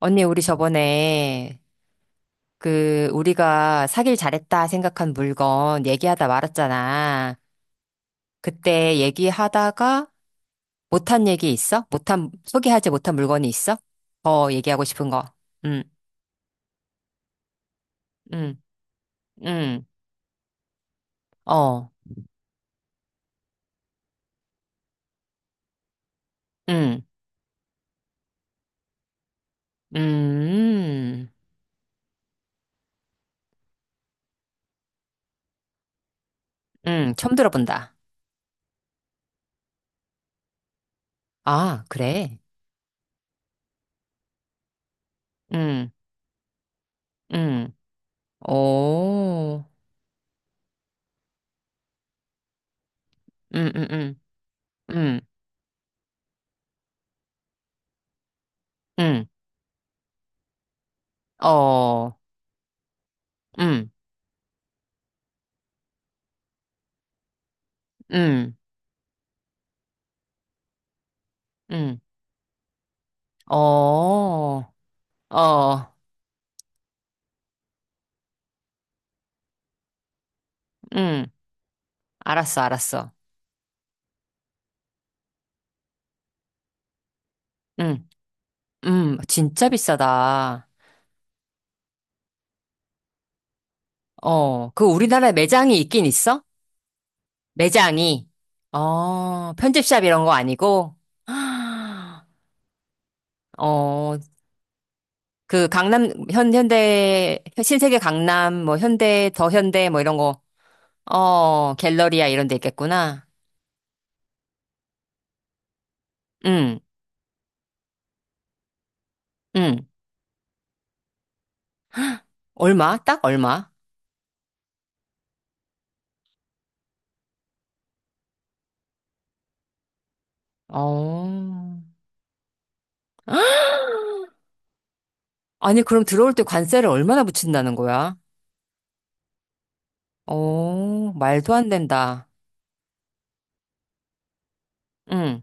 언니, 우리 저번에 그 우리가 사길 잘했다 생각한 물건 얘기하다 말았잖아. 그때 얘기하다가 못한 얘기 있어? 못한, 소개하지 못한 물건이 있어? 더 얘기하고 싶은 거. 응, 응, 응, 어, 응, 음, 응, 처음 들어본다. 아, 그래. 응, 응, 오, 응, 응, 응, 응, 응, 어, 응, 응, 응. 어, 어, 응, 알았어, 알았어. 응, 진짜 비싸다. 어, 그 우리나라에 매장이 있긴 있어? 매장이. 어, 편집샵 이런 거 아니고? 아, 어, 그 강남, 현대, 신세계 강남, 뭐 현대, 더 현대, 뭐 이런 거, 어, 갤러리아 이런 데 있겠구나. 응, 응. 얼마? 딱 얼마? 어. 아니, 그럼 들어올 때 관세를 얼마나 붙인다는 거야? 어, 말도 안 된다. 응.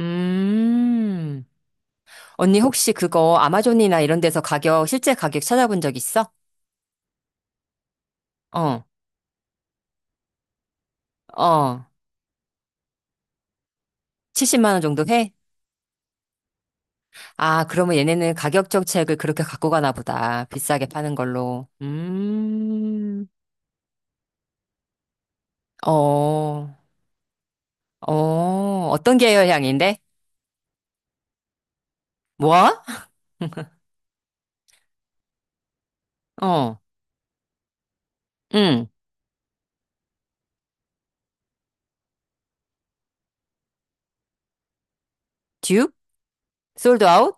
음. 언니 혹시 그거 아마존이나 이런 데서 가격, 실제 가격 찾아본 적 있어? 어, 어. 70만 원 정도 해? 아, 그러면 얘네는 가격 정책을 그렇게 갖고 가나 보다. 비싸게 파는 걸로. 음. 어, 어. 어떤 계열 향인데? 뭐? 어. 응. 듀? 솔드 아웃?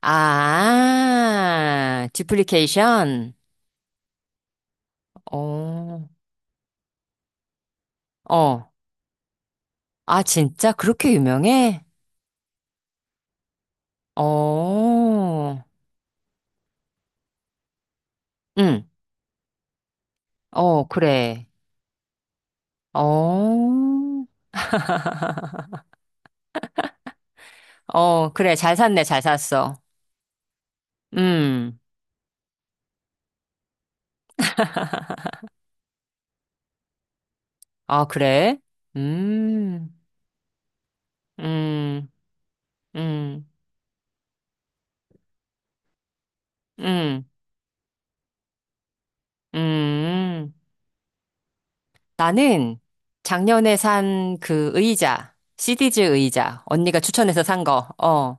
아, 듀플리케이션? 어. 어, 아, 진짜 그렇게 유명해? 어, 응, 어, 그래. 어, 어, 그래. 잘 샀네, 잘 샀어. 음, 아, 그래? 음, 음, 음, 음, 음. 나는 작년에 산 그 의자, 시디즈 의자, 언니가 추천해서 산 거, 어,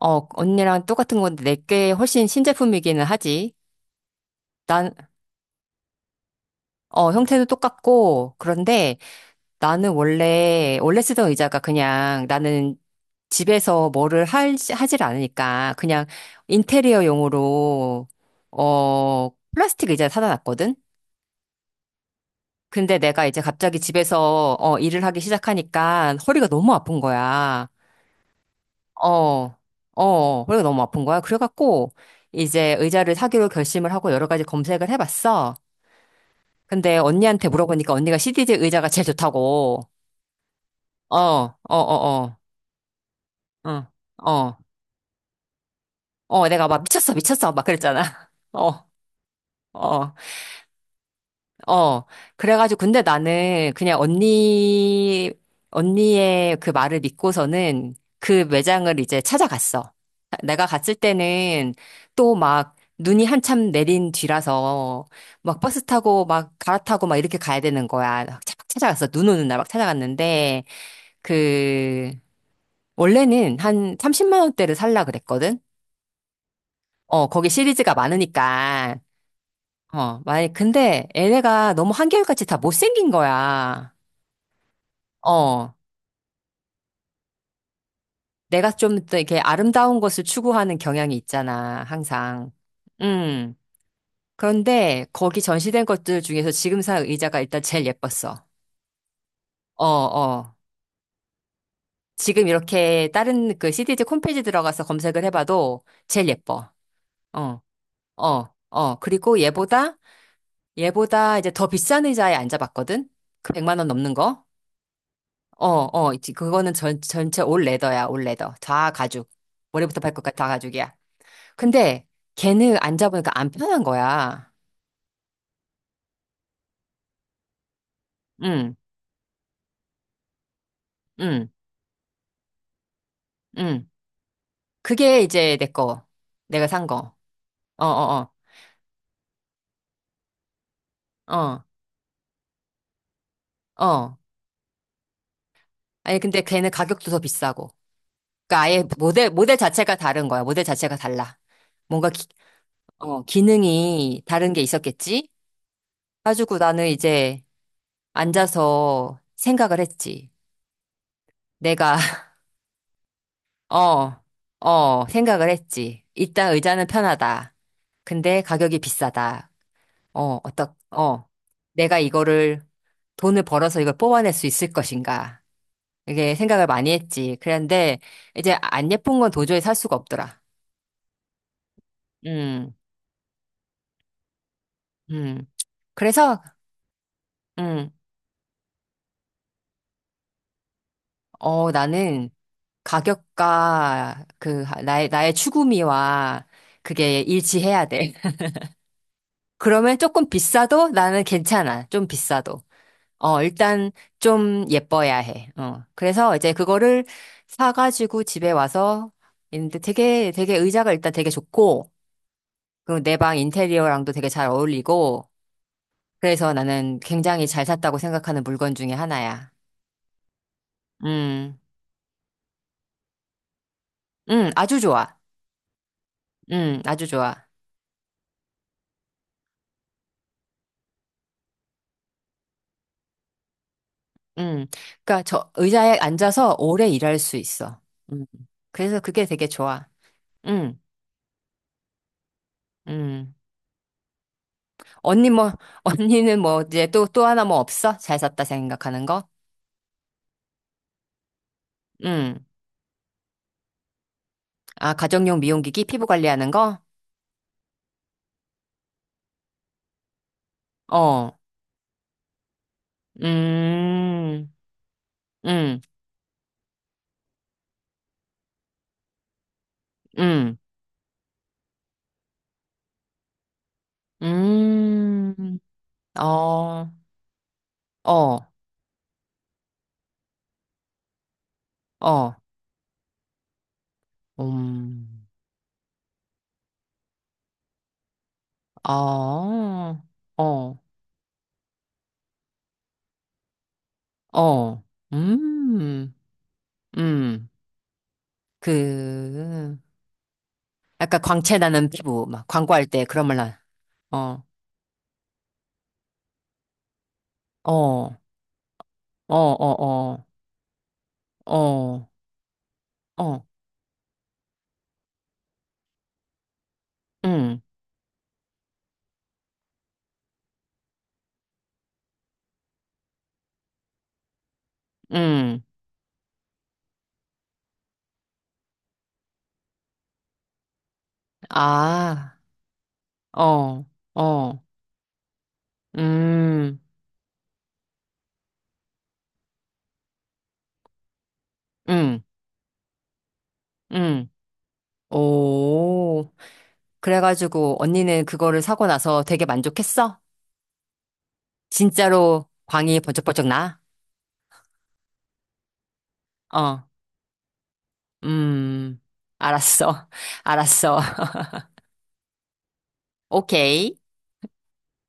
어, 언니랑 똑같은 건데 내게 훨씬 신제품이기는 하지. 난, 어, 형태도 똑같고, 그런데 나는 원래 쓰던 의자가 그냥 나는 집에서 뭐를 하질 않으니까 그냥 인테리어용으로, 어, 플라스틱 의자 사다 놨거든? 근데 내가 이제 갑자기 집에서, 어, 일을 하기 시작하니까 허리가 너무 아픈 거야. 어, 어, 허리가 너무 아픈 거야. 그래갖고 이제 의자를 사기로 결심을 하고 여러 가지 검색을 해봤어. 근데 언니한테 물어보니까 언니가 CDJ 의자가 제일 좋다고. 어, 어, 어, 어. 어. 어. 어, 내가 막 미쳤어, 미쳤어, 막 그랬잖아. 어, 어, 어. 그래가지고, 근데 나는 그냥 언니의 그 말을 믿고서는 그 매장을 이제 찾아갔어. 내가 갔을 때는 또 막 눈이 한참 내린 뒤라서 막 버스 타고 막 갈아타고 막 이렇게 가야 되는 거야. 막 찾아갔어. 눈 오는 날 막 찾아갔는데, 그, 원래는 한 30만 원대를 살라 그랬거든? 어, 거기 시리즈가 많으니까. 어, 근데 얘네가 너무 한결같이 다 못생긴 거야. 어, 내가 좀 더 이렇게 아름다운 것을 추구하는 경향이 있잖아, 항상. 음. 그런데 거기 전시된 것들 중에서 지금 산 의자가 일단 제일 예뻤어. 어, 어. 지금 이렇게 다른 그 CDG 홈페이지 들어가서 검색을 해봐도 제일 예뻐. 어, 어, 어. 그리고 얘보다 이제 더 비싼 의자에 앉아봤거든? 그 100만 원 넘는 거? 어, 어, 있지. 그거는 전체 올 레더야, 올 레더. 다 가죽. 머리부터 발끝까지 다 가죽이야. 근데 걔는 앉아보니까 안 편한 거야. 응, 응, 응. 그게 이제 내 거. 내가 산 거. 어, 어, 어, 어, 어. 아니, 근데 걔는 가격도 더 비싸고. 그러니까 아예 모델, 모델 자체가 다른 거야. 모델 자체가 달라. 뭔가 기능이 다른 게 있었겠지? 가지고 나는 이제 앉아서 생각을 했지. 내가 어, 어, 생각을 했지. 일단 의자는 편하다. 근데 가격이 비싸다. 어, 어. 내가 이거를 돈을 벌어서 이걸 뽑아낼 수 있을 것인가. 이게 생각을 많이 했지. 그런데 이제 안 예쁜 건 도저히 살 수가 없더라. 음, 음. 그래서, 음, 어, 나는 가격과 그, 나의 추구미와 그게 일치해야 돼. 그러면 조금 비싸도 나는 괜찮아. 좀 비싸도. 어, 일단 좀 예뻐야 해. 어. 그래서 이제 그거를 사가지고 집에 와서 있는데 되게, 되게 의자가 일단 되게 좋고, 그리고 내 방 인테리어랑도 되게 잘 어울리고, 그래서 나는 굉장히 잘 샀다고 생각하는 물건 중에 하나야. 음, 아주 좋아. 아주 좋아. 음, 그러니까 저 의자에 앉아서 오래 일할 수 있어. 음, 그래서 그게 되게 좋아. 음, 음. 언니 뭐, 언니는 뭐 이제 또, 또 하나 뭐 없어? 잘 샀다 생각하는 거? 음. 아, 가정용 미용기기 피부 관리하는 거? 어. 음. 음. 음. 음. 어. 어. 어. 음. 어. 어. 어. 음. 음. 그 약간 광채 나는 피부 막 광고할 때 그런 말 나. 어. 어. 어. 어. 어. 어. 어. 음. 음. 아. 어. 어. 음, 음, 음. 오. 그래가지고 언니는 그거를 사고 나서 되게 만족했어? 진짜로 광이 번쩍번쩍 나? 어, 음, 알았어. 알았어. 오케이.